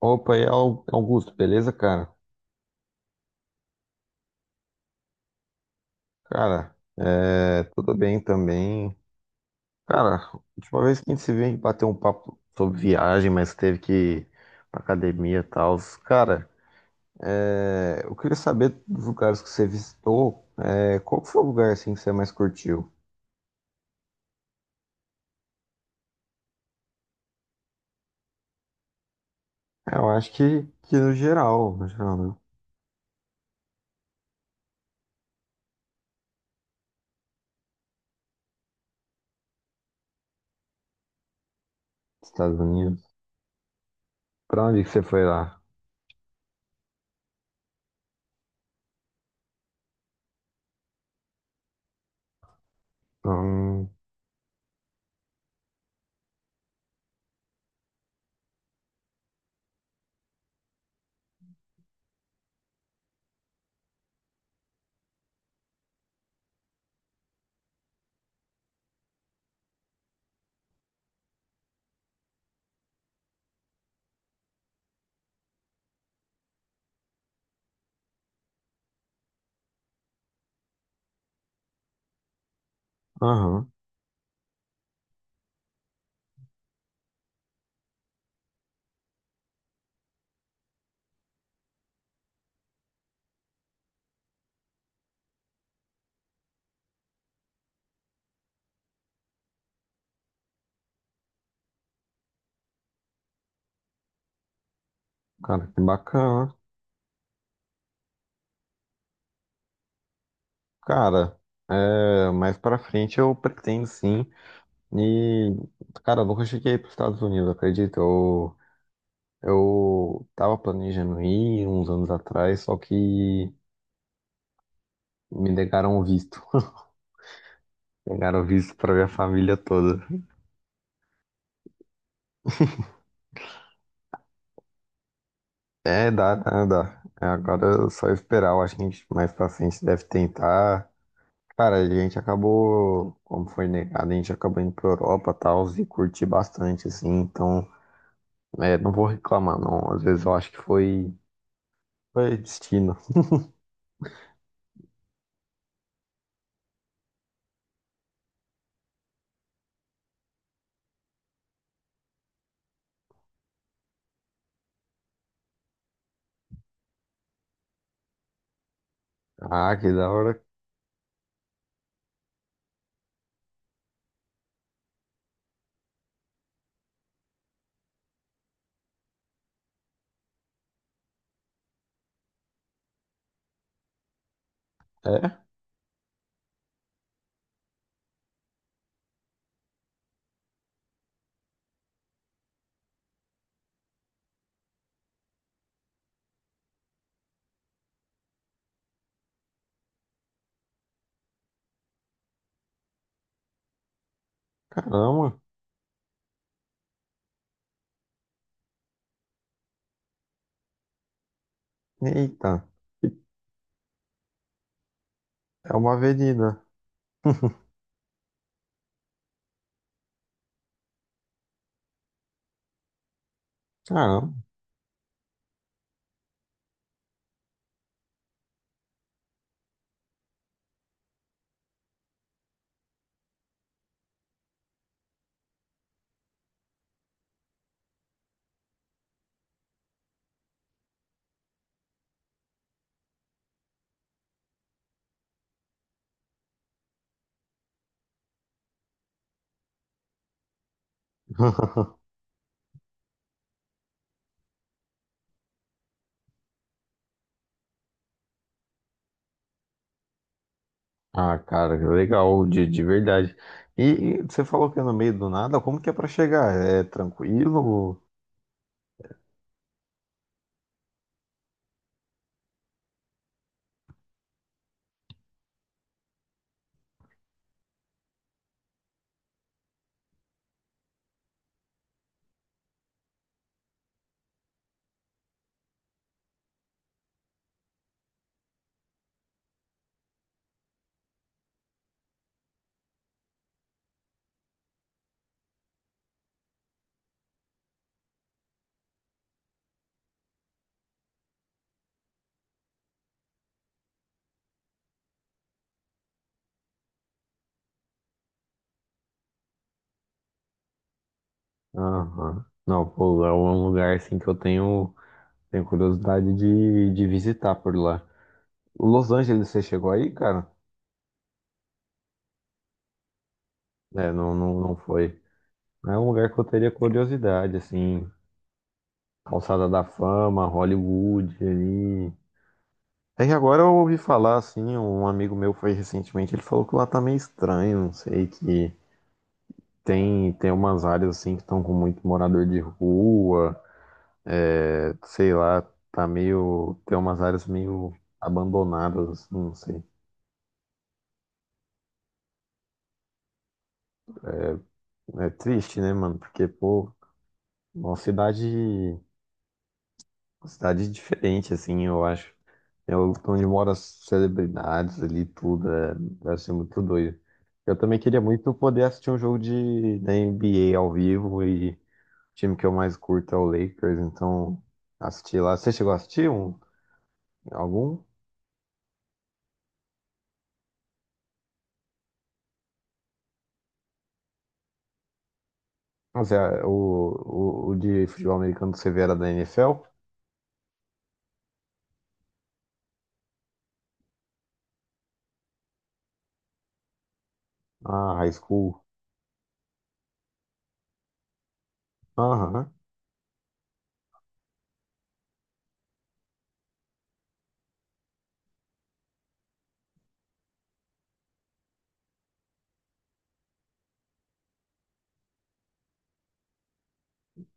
Opa, e aí, Augusto, beleza, cara? Cara, tudo bem também. Cara, a última vez que a gente se viu, a gente bateu um papo sobre viagem, mas teve que ir pra academia e tal. Cara, eu queria saber dos lugares que você visitou, é, qual que foi o lugar assim que você mais curtiu? É, eu acho que no geral, no geral, né? Estados Unidos. Pra onde que você foi lá? Hum. Aham. Cara, que bacana. Cara, mais pra frente eu pretendo sim. E, cara, eu nunca cheguei para os Estados Unidos, acredito. Eu tava planejando ir uns anos atrás, só que me negaram o visto. Negaram o visto para minha família toda. É, dá. É, agora é só esperar. Eu acho que a gente mais pra frente deve tentar. Cara, a gente acabou, como foi negado, a gente acabou indo pra Europa e tal, e curti bastante, assim. Então, é, não vou reclamar, não. Às vezes eu acho que foi destino. Ah, que da hora. É, caramba. Eita, é uma avenida. Caramba. Ah, cara, legal, de verdade. E, você falou que é no meio do nada, como que é pra chegar? É tranquilo? Aham. Não, pô, é um lugar assim que eu tenho curiosidade de visitar por lá. Los Angeles, você chegou aí, cara? É, não foi. É um lugar que eu teria curiosidade, assim, Calçada da Fama, Hollywood ali. É que agora eu ouvi falar, assim, um amigo meu foi recentemente, ele falou que lá tá meio estranho, não sei, que tem umas áreas, assim, que estão com muito morador de rua, é, sei lá, tá meio, tem umas áreas meio abandonadas, assim, não sei. É triste, né, mano, porque, pô, uma cidade cidade diferente, assim, eu acho. É onde moram as celebridades ali, tudo. É, deve ser muito doido. Eu também queria muito poder assistir um jogo de, da NBA ao vivo, e o time que eu mais curto é o Lakers, então assisti lá. Você chegou a assistir um, algum? Mas é, o de futebol americano que você vê era da NFL? Ah, High School. Aham.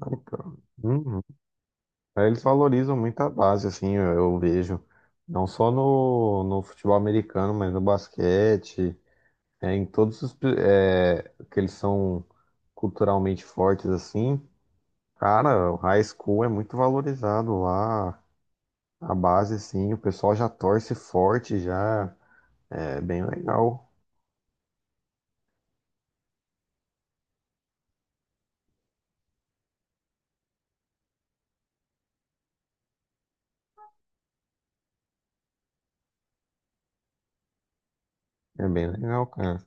Então, uhum. É, eles valorizam muito a base, assim, eu vejo. Não só no futebol americano, mas no basquete, é, em todos os é, que eles são culturalmente fortes, assim. Cara, o high school é muito valorizado lá. A base, sim, o pessoal já torce forte, já. É bem legal. É bem legal, cara.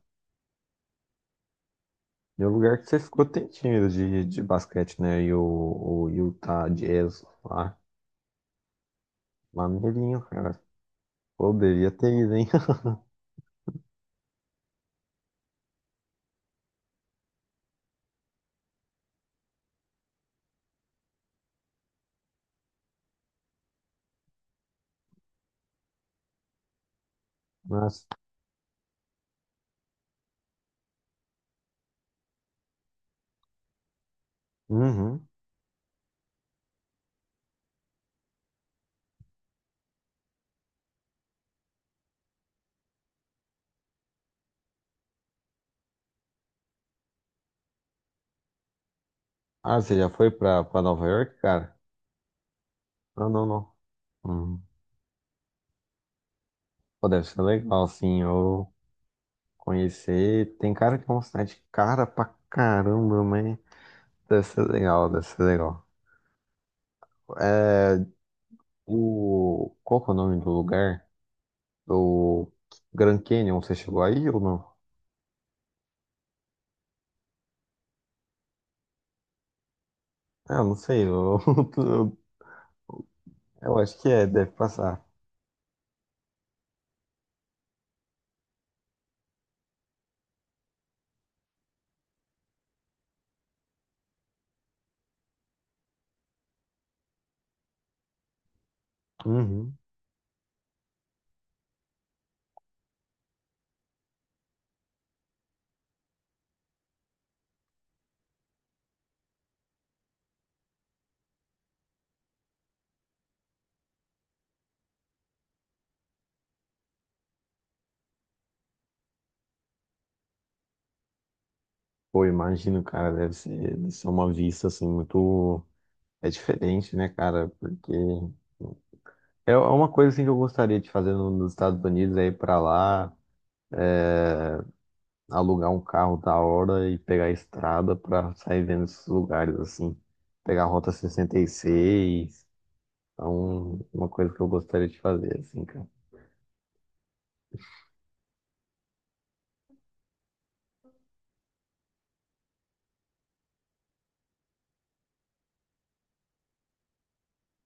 E o lugar que você ficou tem time de basquete, né? E o Utah Jazz lá. Maneirinho, cara. Poderia ter ido, hein? Mas, uhum. Ah, você já foi pra Nova York, cara? Não, não, não. Hum. Pô, deve ser legal, sim, eu conhecer. Tem cara que é uma cidade cara pra caramba, mas deve ser legal, deve ser legal. É, o... Qual que é o nome do lugar? O Grand Canyon, você chegou aí ou não? Ah, eu não sei, eu, eu acho que é, deve passar. Uhum. Pô, imagino, cara, deve ser uma vista, assim, muito... É diferente, né, cara? Porque... é uma coisa assim que eu gostaria de fazer nos Estados Unidos, é ir pra lá, alugar um carro da hora e pegar a estrada pra sair vendo esses lugares assim, pegar a Rota 66, então uma coisa que eu gostaria de fazer assim, cara.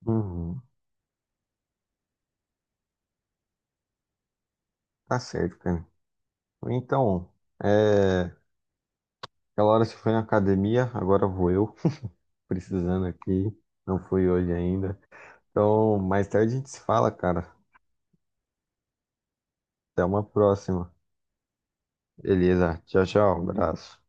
Uhum, tá certo, cara. Então, é, aquela hora você foi na academia, agora vou eu, precisando aqui, não fui hoje ainda. Então, mais tarde a gente se fala, cara. Até uma próxima. Beleza, tchau, tchau, abraço.